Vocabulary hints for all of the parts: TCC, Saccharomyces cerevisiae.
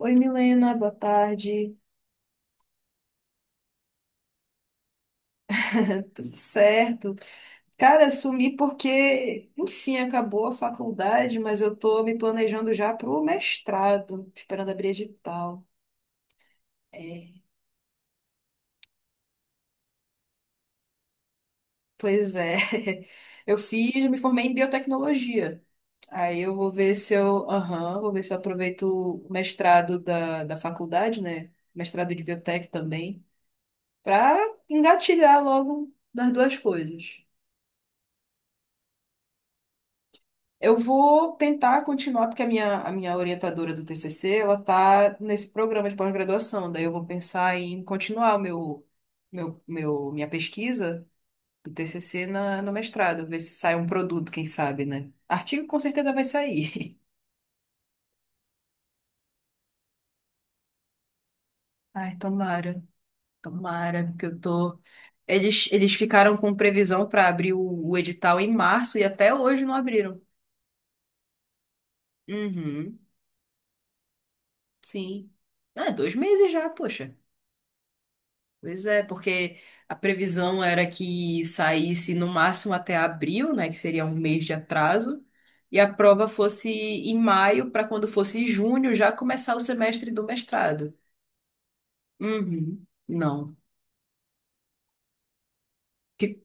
Oi, Milena, boa tarde. Tudo certo? Cara, sumi porque, enfim, acabou a faculdade, mas eu tô me planejando já pro mestrado, esperando abrir edital. É, pois é. Me formei em biotecnologia. Aí eu vou ver se eu aproveito o mestrado da faculdade, né? Mestrado de biotec também, para engatilhar logo nas duas coisas. Eu vou tentar continuar, porque a minha orientadora do TCC, ela tá nesse programa de pós-graduação, daí eu vou pensar em continuar o minha pesquisa do TCC no mestrado, ver se sai um produto, quem sabe, né? Artigo com certeza vai sair. Ai, tomara, tomara, porque eu tô. Eles ficaram com previsão para abrir o edital em março e até hoje não abriram. Uhum, sim. Ah, 2 meses já, poxa. Pois é, porque a previsão era que saísse no máximo até abril, né, que seria um mês de atraso, e a prova fosse em maio, para quando fosse junho já começar o semestre do mestrado. Uhum. Não. Que-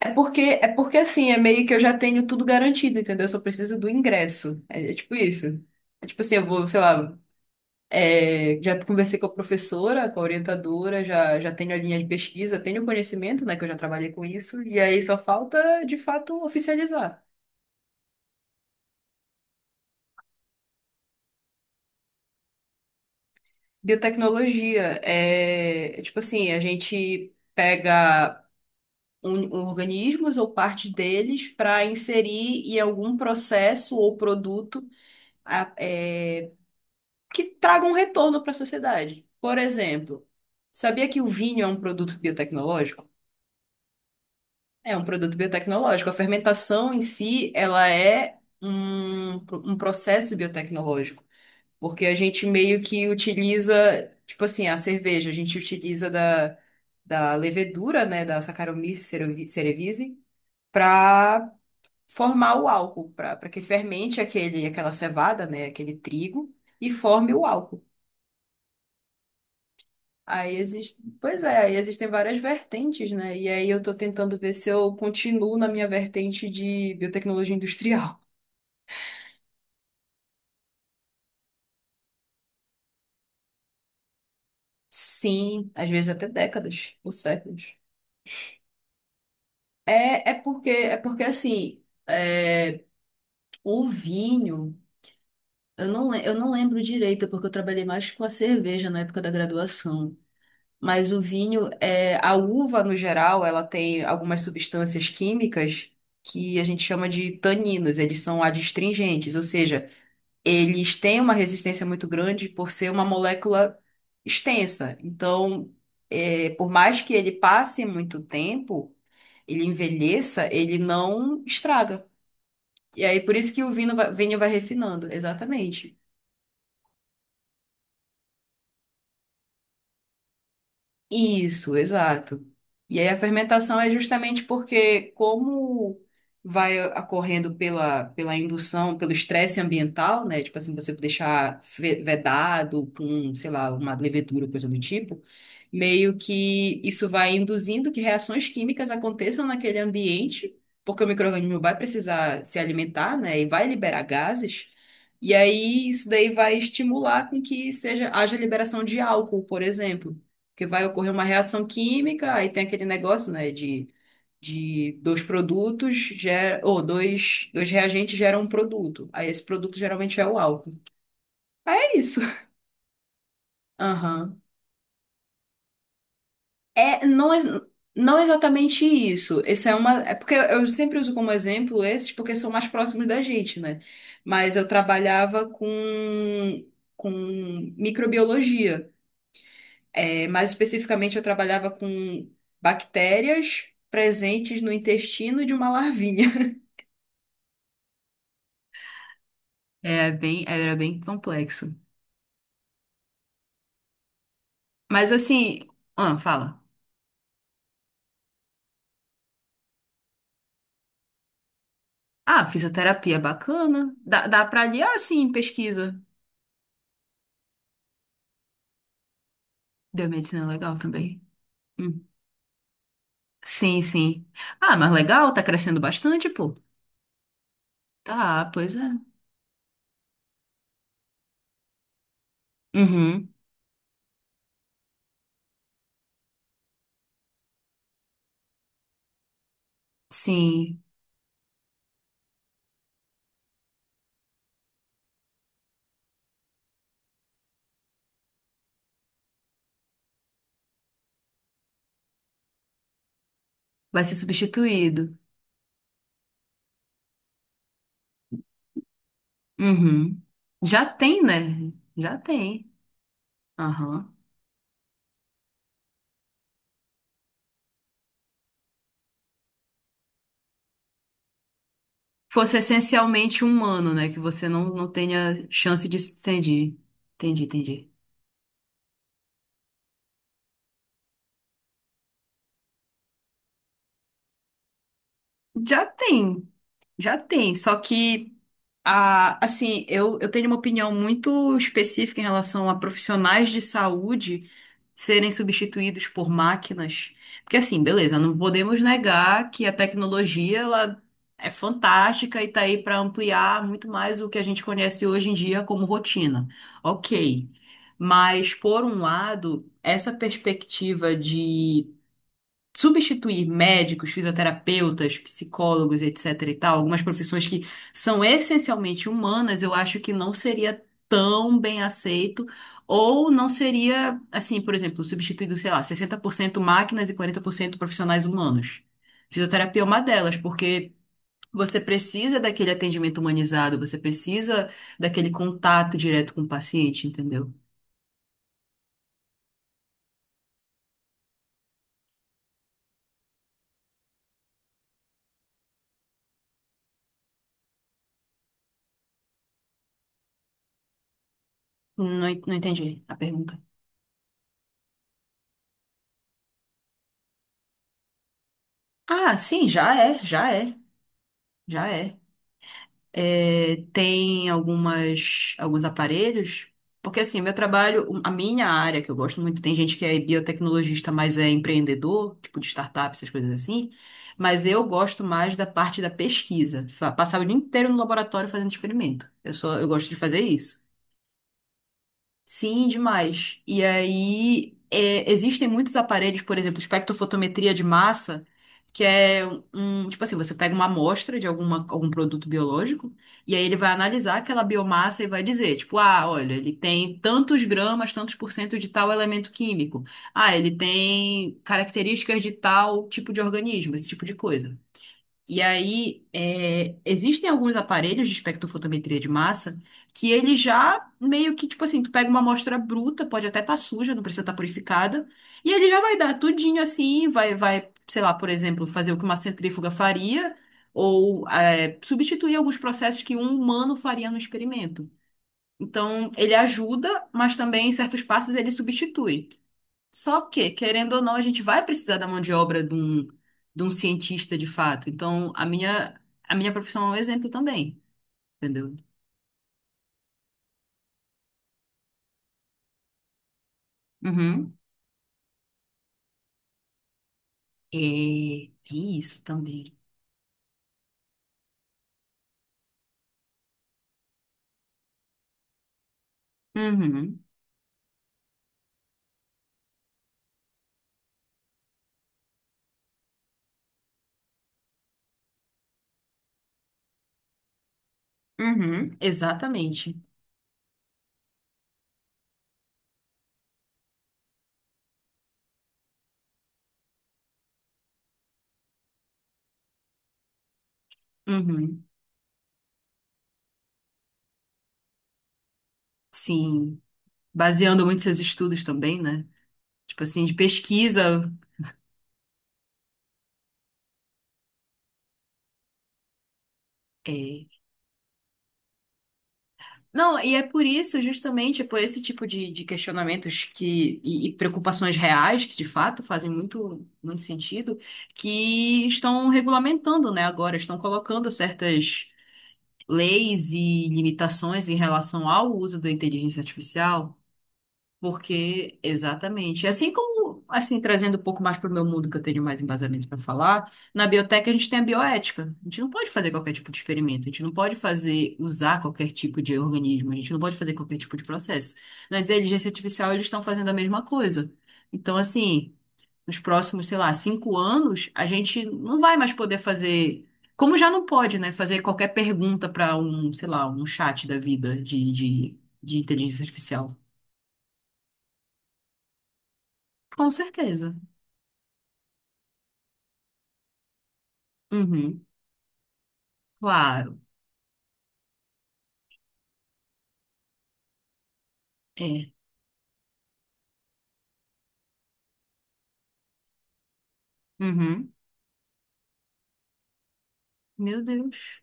é porque assim, é meio que eu já tenho tudo garantido, entendeu? Eu só preciso do ingresso. É tipo isso. É tipo assim, eu vou, sei lá. É, já conversei com a professora, com a orientadora, já tenho a linha de pesquisa, tenho conhecimento, né, que eu já trabalhei com isso, e aí só falta, de fato, oficializar. Biotecnologia é tipo assim, a gente pega organismos ou partes deles para inserir em algum processo ou produto a- é, que traga um retorno para a sociedade. Por exemplo, sabia que o vinho é um produto biotecnológico? É um produto biotecnológico. A fermentação em si, ela é um processo biotecnológico, porque a gente meio que utiliza, tipo assim, a cerveja, a gente utiliza da levedura, né, da Saccharomyces cerevisiae, para formar o álcool, para que fermente aquela cevada, né, aquele trigo, e forme o álcool. Pois é, aí existem várias vertentes, né? E aí eu tô tentando ver se eu continuo na minha vertente de biotecnologia industrial. Sim, às vezes até décadas ou séculos. É porque assim, é, o vinho, eu não lembro direito, porque eu trabalhei mais com a cerveja na época da graduação. Mas o vinho, a uva no geral, ela tem algumas substâncias químicas que a gente chama de taninos, eles são adstringentes, ou seja, eles têm uma resistência muito grande por ser uma molécula extensa. Então, por mais que ele passe muito tempo, ele envelheça, ele não estraga. E aí, por isso que o vinho vai refinando, exatamente. Isso, exato. E aí a fermentação é justamente porque como vai ocorrendo pela indução, pelo estresse ambiental, né? Tipo assim, você deixar vedado com, sei lá, uma levedura, coisa do tipo, meio que isso vai induzindo que reações químicas aconteçam naquele ambiente, porque o micro-organismo vai precisar se alimentar, né? E vai liberar gases. E aí isso daí vai estimular com que seja haja liberação de álcool, por exemplo. Porque vai ocorrer uma reação química, aí tem aquele negócio, né, de dois produtos, gera, ou dois reagentes geram um produto. Aí esse produto geralmente é o álcool. Aí é isso. Aham. É, não, não é exatamente isso. Esse é porque eu sempre uso como exemplo esses porque são mais próximos da gente, né? Mas eu trabalhava com microbiologia. É, mais especificamente, eu trabalhava com bactérias presentes no intestino de uma larvinha. Era bem complexo. Mas assim, ah, fala. Ah, fisioterapia bacana. Dá pra aliar, sim, pesquisa. Biomedicina é legal também. Hum. Sim, sim. Ah, mas legal, tá crescendo bastante, pô. Tá, pois é. Uhum. Sim. Vai ser substituído. Uhum. Já tem, né? Já tem. Aham. Fosse essencialmente humano, né? Que você não tenha chance de. Entendi. Entendi, entendi. Já tem, já tem. Só que. Ah, assim, eu tenho uma opinião muito específica em relação a profissionais de saúde serem substituídos por máquinas. Porque, assim, beleza, não podemos negar que a tecnologia ela é fantástica e está aí para ampliar muito mais o que a gente conhece hoje em dia como rotina. Ok. Mas, por um lado, essa perspectiva de substituir médicos, fisioterapeutas, psicólogos, etc. e tal, algumas profissões que são essencialmente humanas, eu acho que não seria tão bem aceito, ou não seria, assim, por exemplo, substituído, sei lá, 60% máquinas e 40% profissionais humanos. Fisioterapia é uma delas, porque você precisa daquele atendimento humanizado, você precisa daquele contato direto com o paciente, entendeu? Não, não entendi a pergunta. Ah, sim, já é. É, tem alguns aparelhos, porque assim, meu trabalho, um, a minha área que eu gosto muito, tem gente que é biotecnologista, mas é empreendedor, tipo de startup, essas coisas assim, mas eu gosto mais da parte da pesquisa, passar o dia inteiro no laboratório fazendo experimento. Eu gosto de fazer isso. Sim, demais. E aí, existem muitos aparelhos, por exemplo, espectrofotometria de massa, que é um, tipo assim, você pega uma amostra de algum produto biológico, e aí ele vai analisar aquela biomassa e vai dizer, tipo, ah, olha, ele tem tantos gramas, tantos por cento de tal elemento químico. Ah, ele tem características de tal tipo de organismo, esse tipo de coisa. E aí, existem alguns aparelhos de espectrofotometria de massa que ele já meio que, tipo assim, tu pega uma amostra bruta, pode até estar suja, não precisa estar purificada, e ele já vai dar tudinho assim, vai, sei lá, por exemplo, fazer o que uma centrífuga faria, ou substituir alguns processos que um humano faria no experimento. Então, ele ajuda, mas também em certos passos ele substitui. Só que, querendo ou não, a gente vai precisar da mão de obra de um cientista de fato. Então, a minha profissão é um exemplo também, entendeu? Uhum. É, tem isso também. Uhum. Uhum. Exatamente. Uhum. Sim. Baseando muito seus estudos também, né? Tipo assim, de pesquisa. É. Não, e é por isso, justamente, é por esse tipo de questionamentos que, e preocupações reais, que de fato fazem muito, muito sentido, que estão regulamentando, né, agora, estão colocando certas leis e limitações em relação ao uso da inteligência artificial. Porque, exatamente. Assim como, assim, trazendo um pouco mais para o meu mundo, que eu tenho mais embasamento para falar, na biotech a gente tem a bioética. A gente não pode fazer qualquer tipo de experimento, a gente não pode usar qualquer tipo de organismo, a gente não pode fazer qualquer tipo de processo. Na inteligência artificial, eles estão fazendo a mesma coisa. Então, assim, nos próximos, sei lá, 5 anos, a gente não vai mais poder fazer. Como já não pode, né? Fazer qualquer pergunta para um, sei lá, um chat da vida de inteligência artificial. Com certeza. Uhum, claro, é. Uhum. Meu Deus,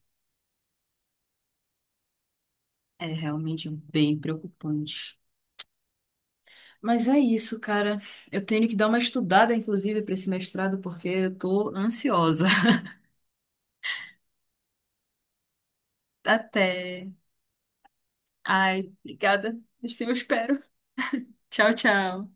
é realmente bem preocupante. Mas é isso, cara. Eu tenho que dar uma estudada, inclusive, para esse mestrado, porque eu tô ansiosa. Até. Ai, obrigada. Assim eu espero. Tchau, tchau.